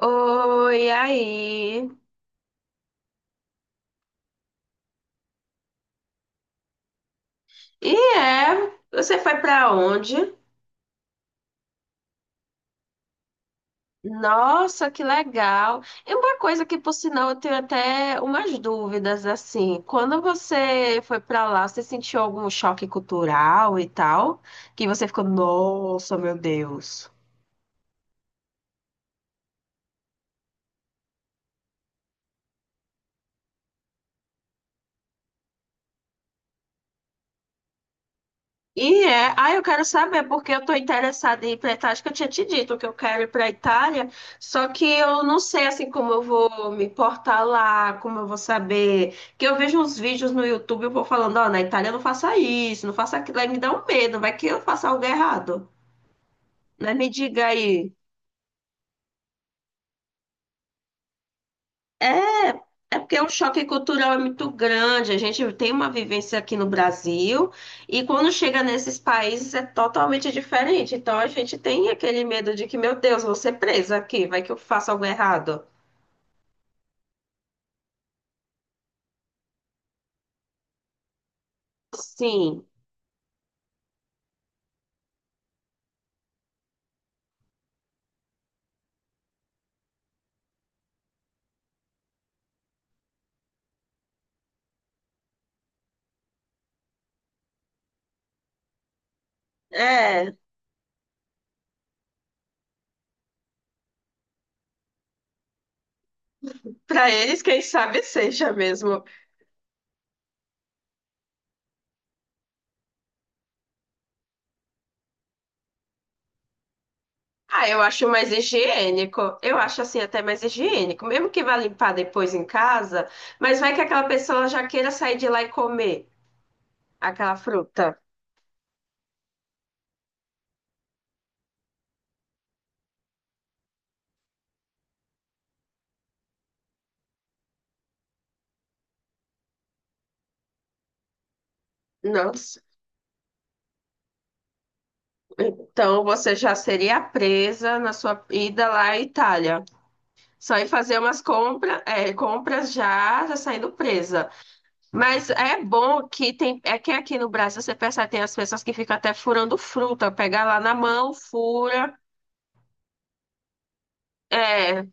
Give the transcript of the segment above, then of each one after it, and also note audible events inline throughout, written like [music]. Oi, aí. E é, você foi pra onde? Nossa, que legal. E uma coisa que, por sinal, eu tenho até umas dúvidas assim. Quando você foi pra lá, você sentiu algum choque cultural e tal? Que você ficou, nossa, meu Deus. E é, ah, eu quero saber, porque eu estou interessada em ir para Itália. Acho que eu tinha te dito que eu quero ir para a Itália, só que eu não sei assim como eu vou me portar lá, como eu vou saber. Que eu vejo uns vídeos no YouTube, eu vou falando, ó, na Itália não faça isso, não faça aquilo, aí me dá um medo, vai que eu faça algo errado, né? Me diga aí. É porque o choque cultural é muito grande. A gente tem uma vivência aqui no Brasil e quando chega nesses países é totalmente diferente. Então a gente tem aquele medo de que, meu Deus, vou ser presa aqui, vai que eu faço algo errado. Sim, é. Para eles, quem sabe seja mesmo. Ah, eu acho mais higiênico. Eu acho assim até mais higiênico, mesmo que vá limpar depois em casa, mas vai que aquela pessoa já queira sair de lá e comer aquela fruta. Não. Então você já seria presa na sua ida lá à Itália. Só ir fazer umas compras, é, compras já, já saindo presa. Mas é bom que tem, é que aqui no Brasil você percebe tem as pessoas que ficam até furando fruta, pegar lá na mão, fura, é,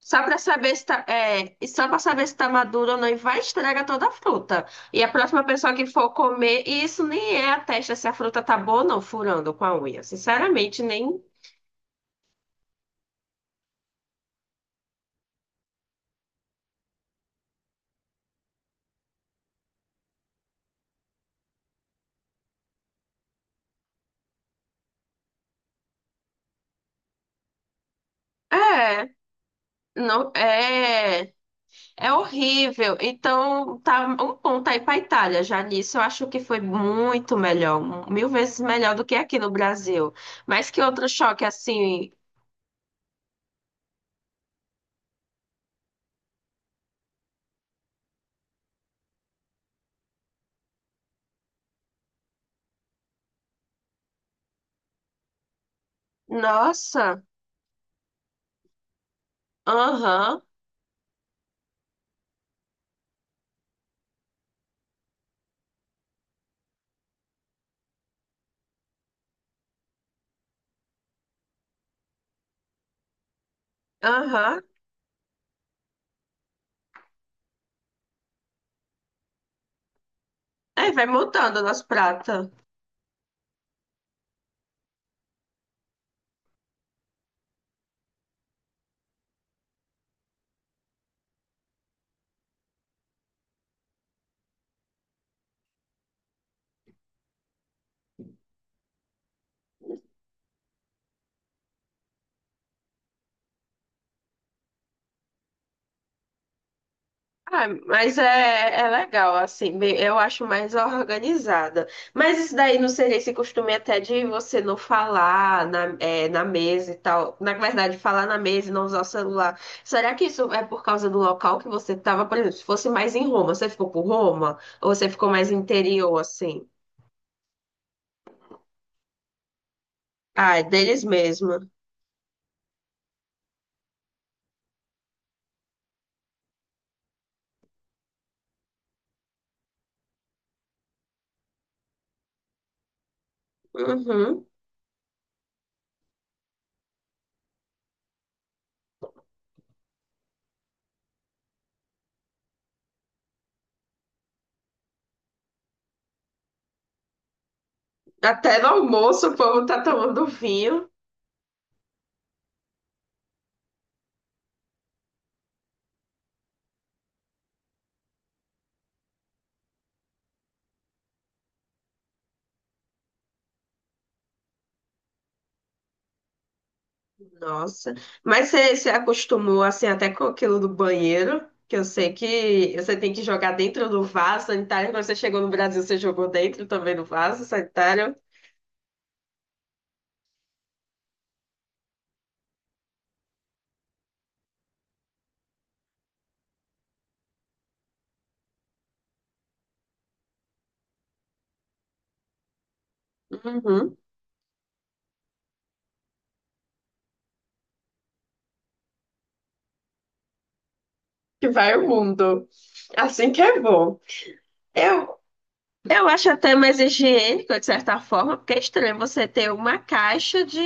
só para saber se tá, é, e só para saber se tá madura ou não e vai estragar toda a fruta. E a próxima pessoa que for comer, e isso nem é a testa se a fruta tá boa ou não, furando com a unha. Sinceramente, nem é. Não, é, é horrível. Então, tá um ponto aí para Itália já nisso. Eu acho que foi muito melhor, mil vezes melhor do que aqui no Brasil. Mas que outro choque assim, nossa, aham, aham. É, vai mudando o nosso prato. Ah, mas é, é legal, assim, bem- eu acho mais organizada. Mas isso daí não seria esse costume até de você não falar na, é, na mesa e tal. Na verdade, falar na mesa e não usar o celular. Será que isso é por causa do local que você estava, por exemplo, se fosse mais em Roma, você ficou por Roma? Ou você ficou mais interior, assim? Ah, é deles mesmo. Uhum. Até no almoço o povo tá tomando vinho. Nossa. Mas você se acostumou assim até com aquilo do banheiro, que eu sei que você tem que jogar dentro do vaso sanitário. Quando você chegou no Brasil, você jogou dentro também do vaso sanitário. Uhum. Que vai o mundo. Assim que é bom. Eu, eu acho até mais higiênico, de certa forma, porque é estranho você ter uma caixa de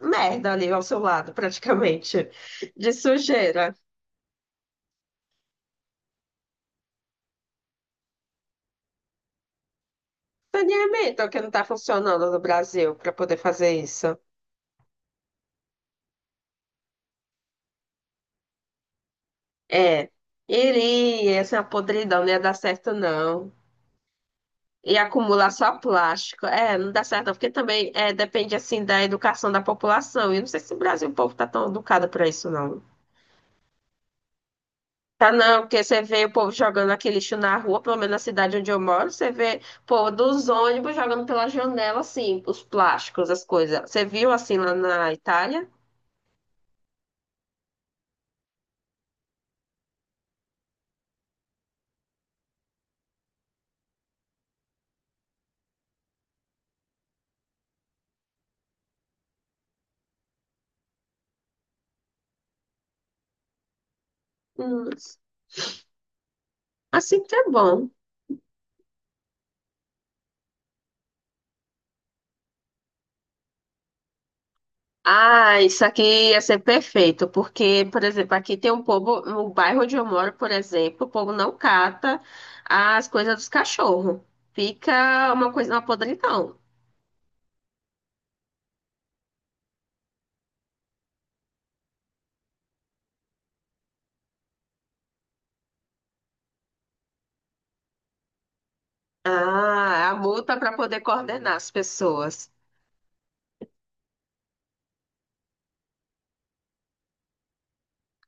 merda ali ao seu lado, praticamente, de sujeira. Saneamento, que não está funcionando no Brasil para poder fazer isso. É, iria, essa podridão não ia dar certo, não. E acumular só plástico. É, não dá certo, não, porque também é, depende, assim, da educação da população. E eu não sei se no Brasil, o povo tá tão educado pra isso, não. Tá, não, porque você vê o povo jogando aquele lixo na rua, pelo menos na cidade onde eu moro, você vê, pô, dos ônibus jogando pela janela, assim, os plásticos, as coisas. Você viu, assim, lá na Itália? Hum, assim que é bom. Ah, isso aqui ia ser perfeito, porque, por exemplo, aqui tem um povo, no bairro onde eu moro, por exemplo, o povo não cata as coisas dos cachorros. Fica uma coisa, uma podridão. Ah, a multa para poder coordenar as pessoas.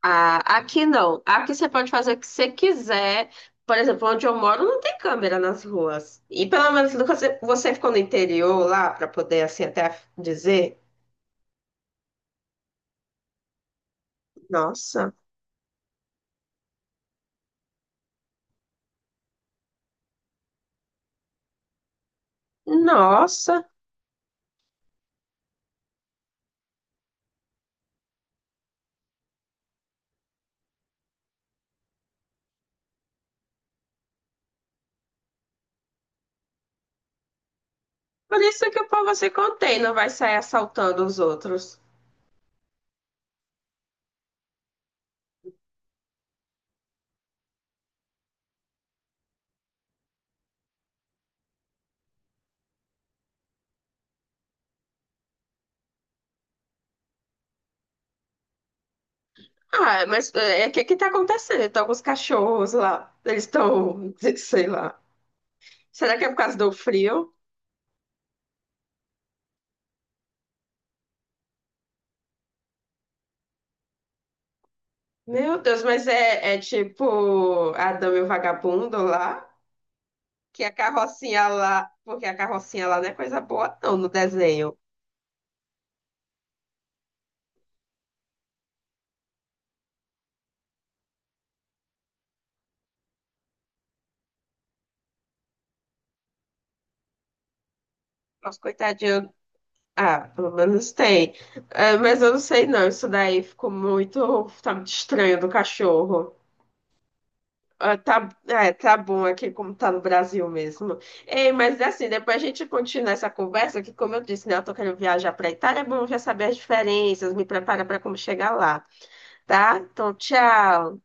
Ah, aqui não. Aqui você pode fazer o que você quiser. Por exemplo, onde eu moro não tem câmera nas ruas. E pelo menos você ficou no interior lá para poder assim até dizer, nossa, nossa. Por isso que o povo se contém, não vai sair assaltando os outros. Ah, mas é, o que que tá acontecendo? Estão com os cachorros lá. Eles estão, [laughs] sei lá. Será que é por causa do frio? Meu Deus, mas é, é tipo Adão e o Vagabundo lá? Que a carrocinha lá. Porque a carrocinha lá não é coisa boa, não, no desenho. Nossa, coitadinho. Ah, pelo menos tem. É, mas eu não sei, não. Isso daí ficou muito. Tá muito estranho do cachorro. Ah, tá, é, tá bom aqui como tá no Brasil mesmo. Ei, mas é assim, depois a gente continua essa conversa, que como eu disse, né, eu tô querendo viajar para Itália, é bom já saber as diferenças, me prepara para como chegar lá, tá? Então, tchau.